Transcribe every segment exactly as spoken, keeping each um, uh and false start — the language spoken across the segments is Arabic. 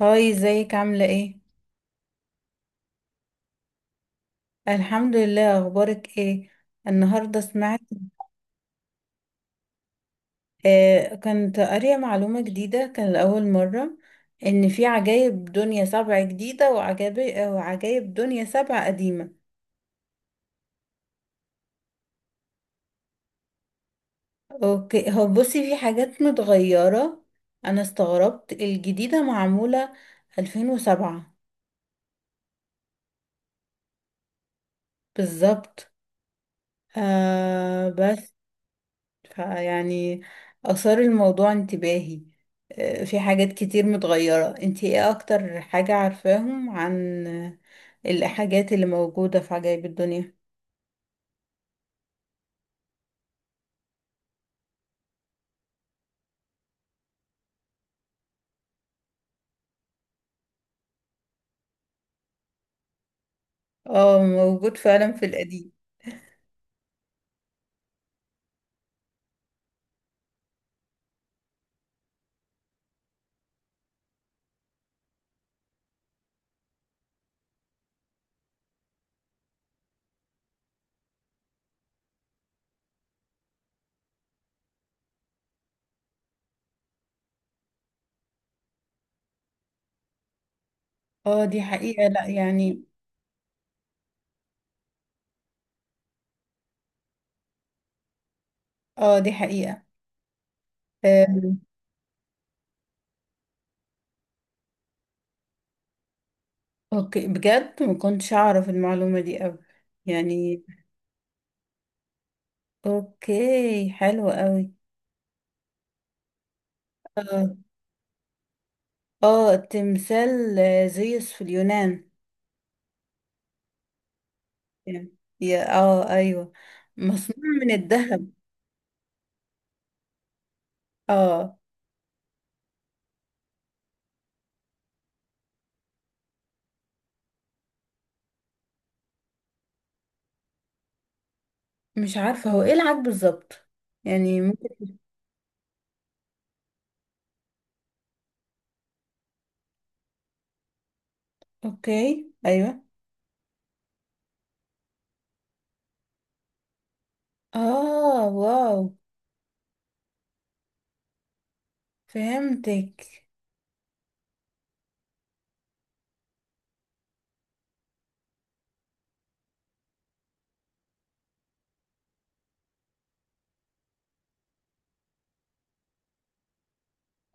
هاي ازيك عاملة ايه؟ الحمد لله اخبارك ايه؟ النهاردة سمعت. آه كنت قارية معلومة جديدة كان لأول مرة ان في عجايب دنيا سبع جديدة وعجائب وعجايب دنيا سبع قديمة. اوكي، هو بصي في حاجات متغيرة. انا استغربت الجديدة معمولة ألفين وسبعة. بالظبط. آه بس فيعني أثار الموضوع انتباهي. آه، في حاجات كتير متغيرة، انتي ايه أكتر حاجة عارفاهم عن آه، الحاجات اللي موجودة في عجائب الدنيا؟ اه، موجود فعلا في القديم. اه دي حقيقة، لا يعني. اه دي حقيقة. آم، اوكي، بجد ما كنتش أعرف المعلومة دي أوي يعني. اوكي، حلو أوي. اه. اه، تمثال آه، زيوس في اليونان. يعني. يا اه ايوه، مصنوع من الذهب. اه، مش عارفة هو ايه العاد بالظبط، يعني ممكن. اوكي، ايوه. اه، واو. فهمتك.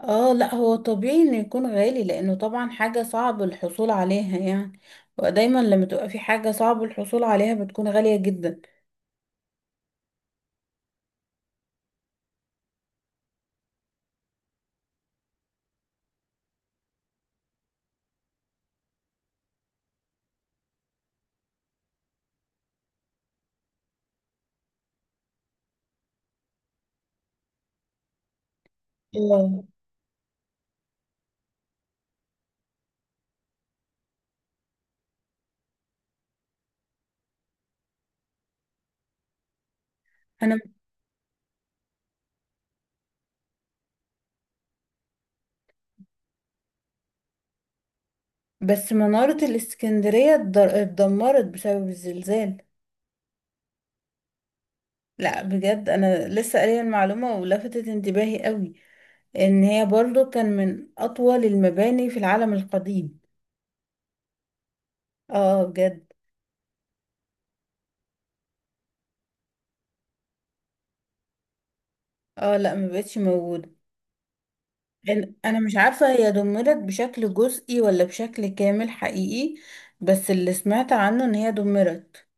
اه لا، هو طبيعي انه يكون غالي لانه طبعا حاجة صعب الحصول عليها يعني. ودايما لما تبقى في حاجة صعب الحصول عليها بتكون غالية جدا. اه، انا بس منارة الاسكندرية اتضر- اتدمرت بسبب الزلزال. لا بجد، انا لسه قارية المعلومة ولفتت انتباهي قوي ان هي برضو كان من اطول المباني في العالم القديم. اه بجد. اه لا، ما بقتش موجوده. إن- انا مش عارفه هي دمرت بشكل جزئي ولا بشكل كامل حقيقي، بس اللي سمعت عنه ان هي دمرت.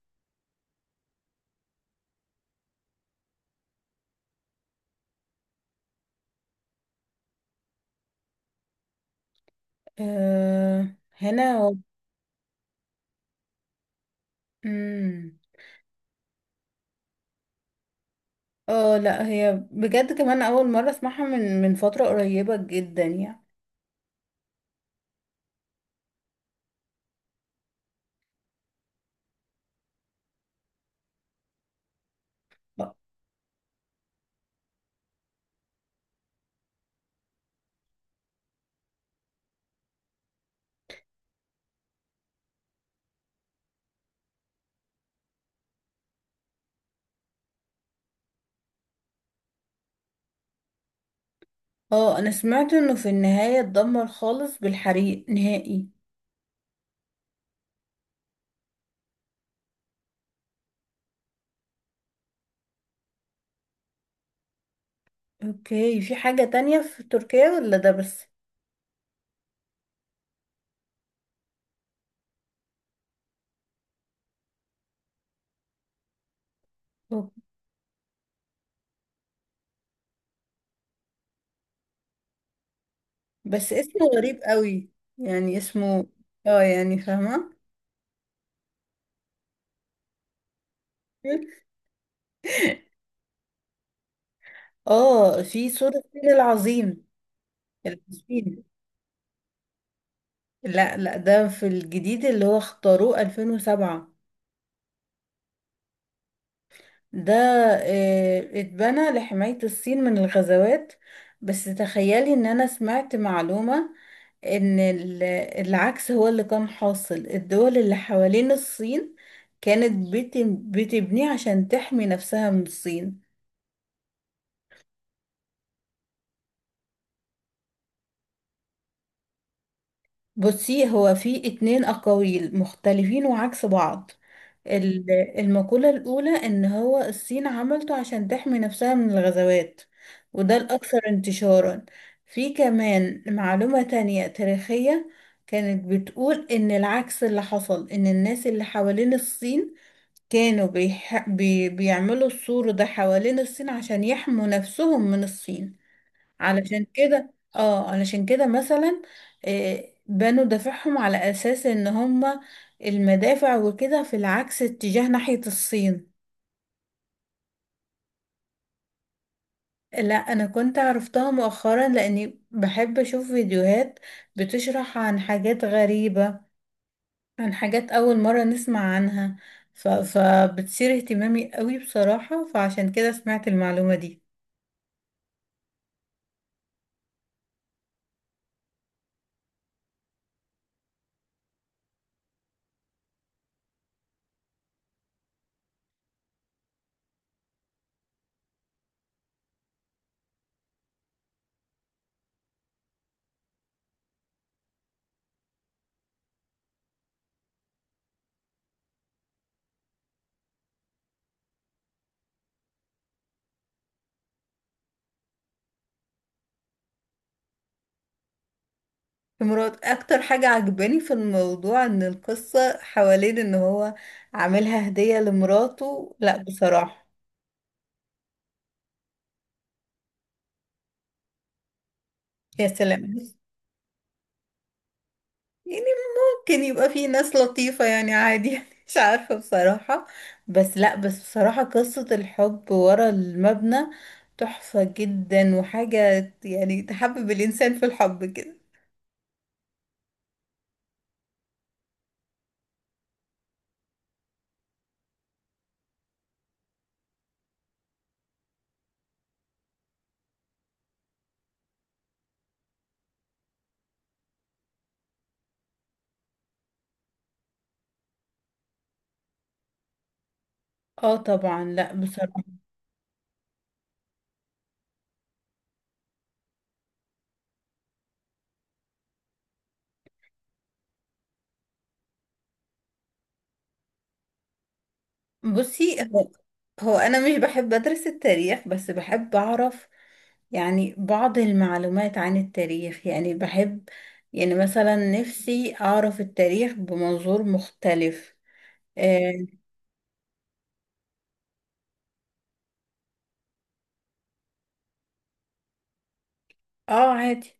آه هنا و... مم. اه لا، هي بجد كمان اول مره اسمعها من من فتره قريبه جدا يعني. اه، انا سمعت انه في النهايه اتدمر خالص بالحريق نهائي. اوكي، في حاجه تانية في تركيا ولا ده بس؟ أوه. بس اسمه غريب قوي، يعني اسمه. اه يعني، فاهمة. اه، في سور الفيل العظيم. العظيم. لا لا، ده في الجديد اللي هو اختاروه ألفين وسبعة. ده آه، اتبنى لحماية الصين من الغزوات. بس تخيلي ان انا سمعت معلومة ان ال- العكس هو اللي كان حاصل. الدول اللي حوالين الصين كانت بت- بتبنيه عشان تحمي نفسها من الصين. بصي، هو في اتنين أقاويل مختلفين وعكس بعض. ال- المقولة الأولى إن هو الصين عملته عشان تحمي نفسها من الغزوات، وده الأكثر انتشارا. في كمان معلومة تانية تاريخية كانت بتقول إن العكس اللي حصل، إن الناس اللي حوالين الصين كانوا بيح... بي... بيعملوا السور ده حوالين الصين عشان يحموا نفسهم من الصين. علشان كده، اه علشان كده مثلا آه، بنوا دوافعهم على اساس ان هما المدافع وكده في العكس اتجاه ناحية الصين. لا، انا كنت عرفتها مؤخرا لاني بحب اشوف فيديوهات بتشرح عن حاجات غريبة، عن حاجات اول مرة نسمع عنها، ف... فبتثير اهتمامي قوي بصراحة، فعشان كده سمعت المعلومة دي. في مراد اكتر حاجة عجباني في الموضوع ان القصة حوالين ان هو عاملها هدية لمراته، لا بصراحة. يا سلام. يعني ممكن يبقى في ناس لطيفة يعني، عادي يعني مش عارفة بصراحة. بس لا، بس بصراحة قصة الحب ورا المبنى تحفة جدا وحاجة، يعني تحبب الانسان في الحب كده. اه طبعا، لا بصراحة. بصي هو هو انا مش بحب ادرس التاريخ، بس بحب اعرف يعني بعض المعلومات عن التاريخ، يعني بحب يعني مثلا نفسي اعرف التاريخ بمنظور مختلف. اه. آه، عادي.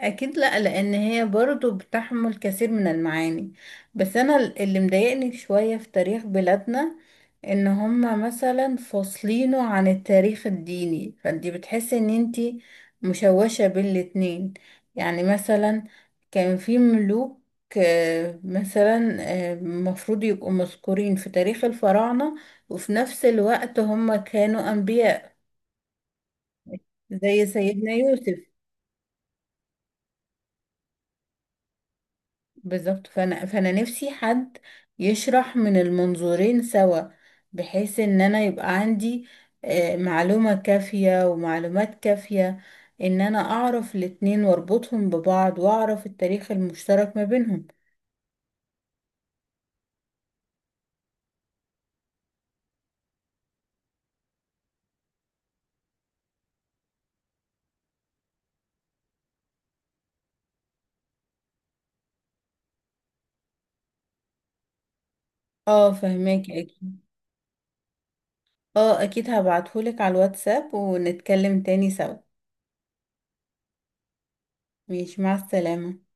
اكيد لا، لان هي برضو بتحمل كثير من المعاني. بس انا اللي مضايقني شوية في تاريخ بلادنا ان هما مثلا فاصلينه عن التاريخ الديني، فانتي بتحسي ان انتي مشوشة بين الاتنين. يعني مثلا كان في ملوك، آه، مثلا آه، المفروض يبقوا مذكورين في تاريخ الفراعنة وفي نفس الوقت هما كانوا انبياء، زي سيدنا يوسف. بالظبط. فانا فانا نفسي حد يشرح من المنظورين سوا، بحيث ان انا يبقى عندي آه، معلومة كافية ومعلومات كافية، ان انا اعرف الاتنين واربطهم ببعض واعرف التاريخ المشترك ما بينهم. اه فهماك اكيد. اه اكيد، هبعتهولك على الواتساب ونتكلم تاني سوا. ماشي، مع السلامة.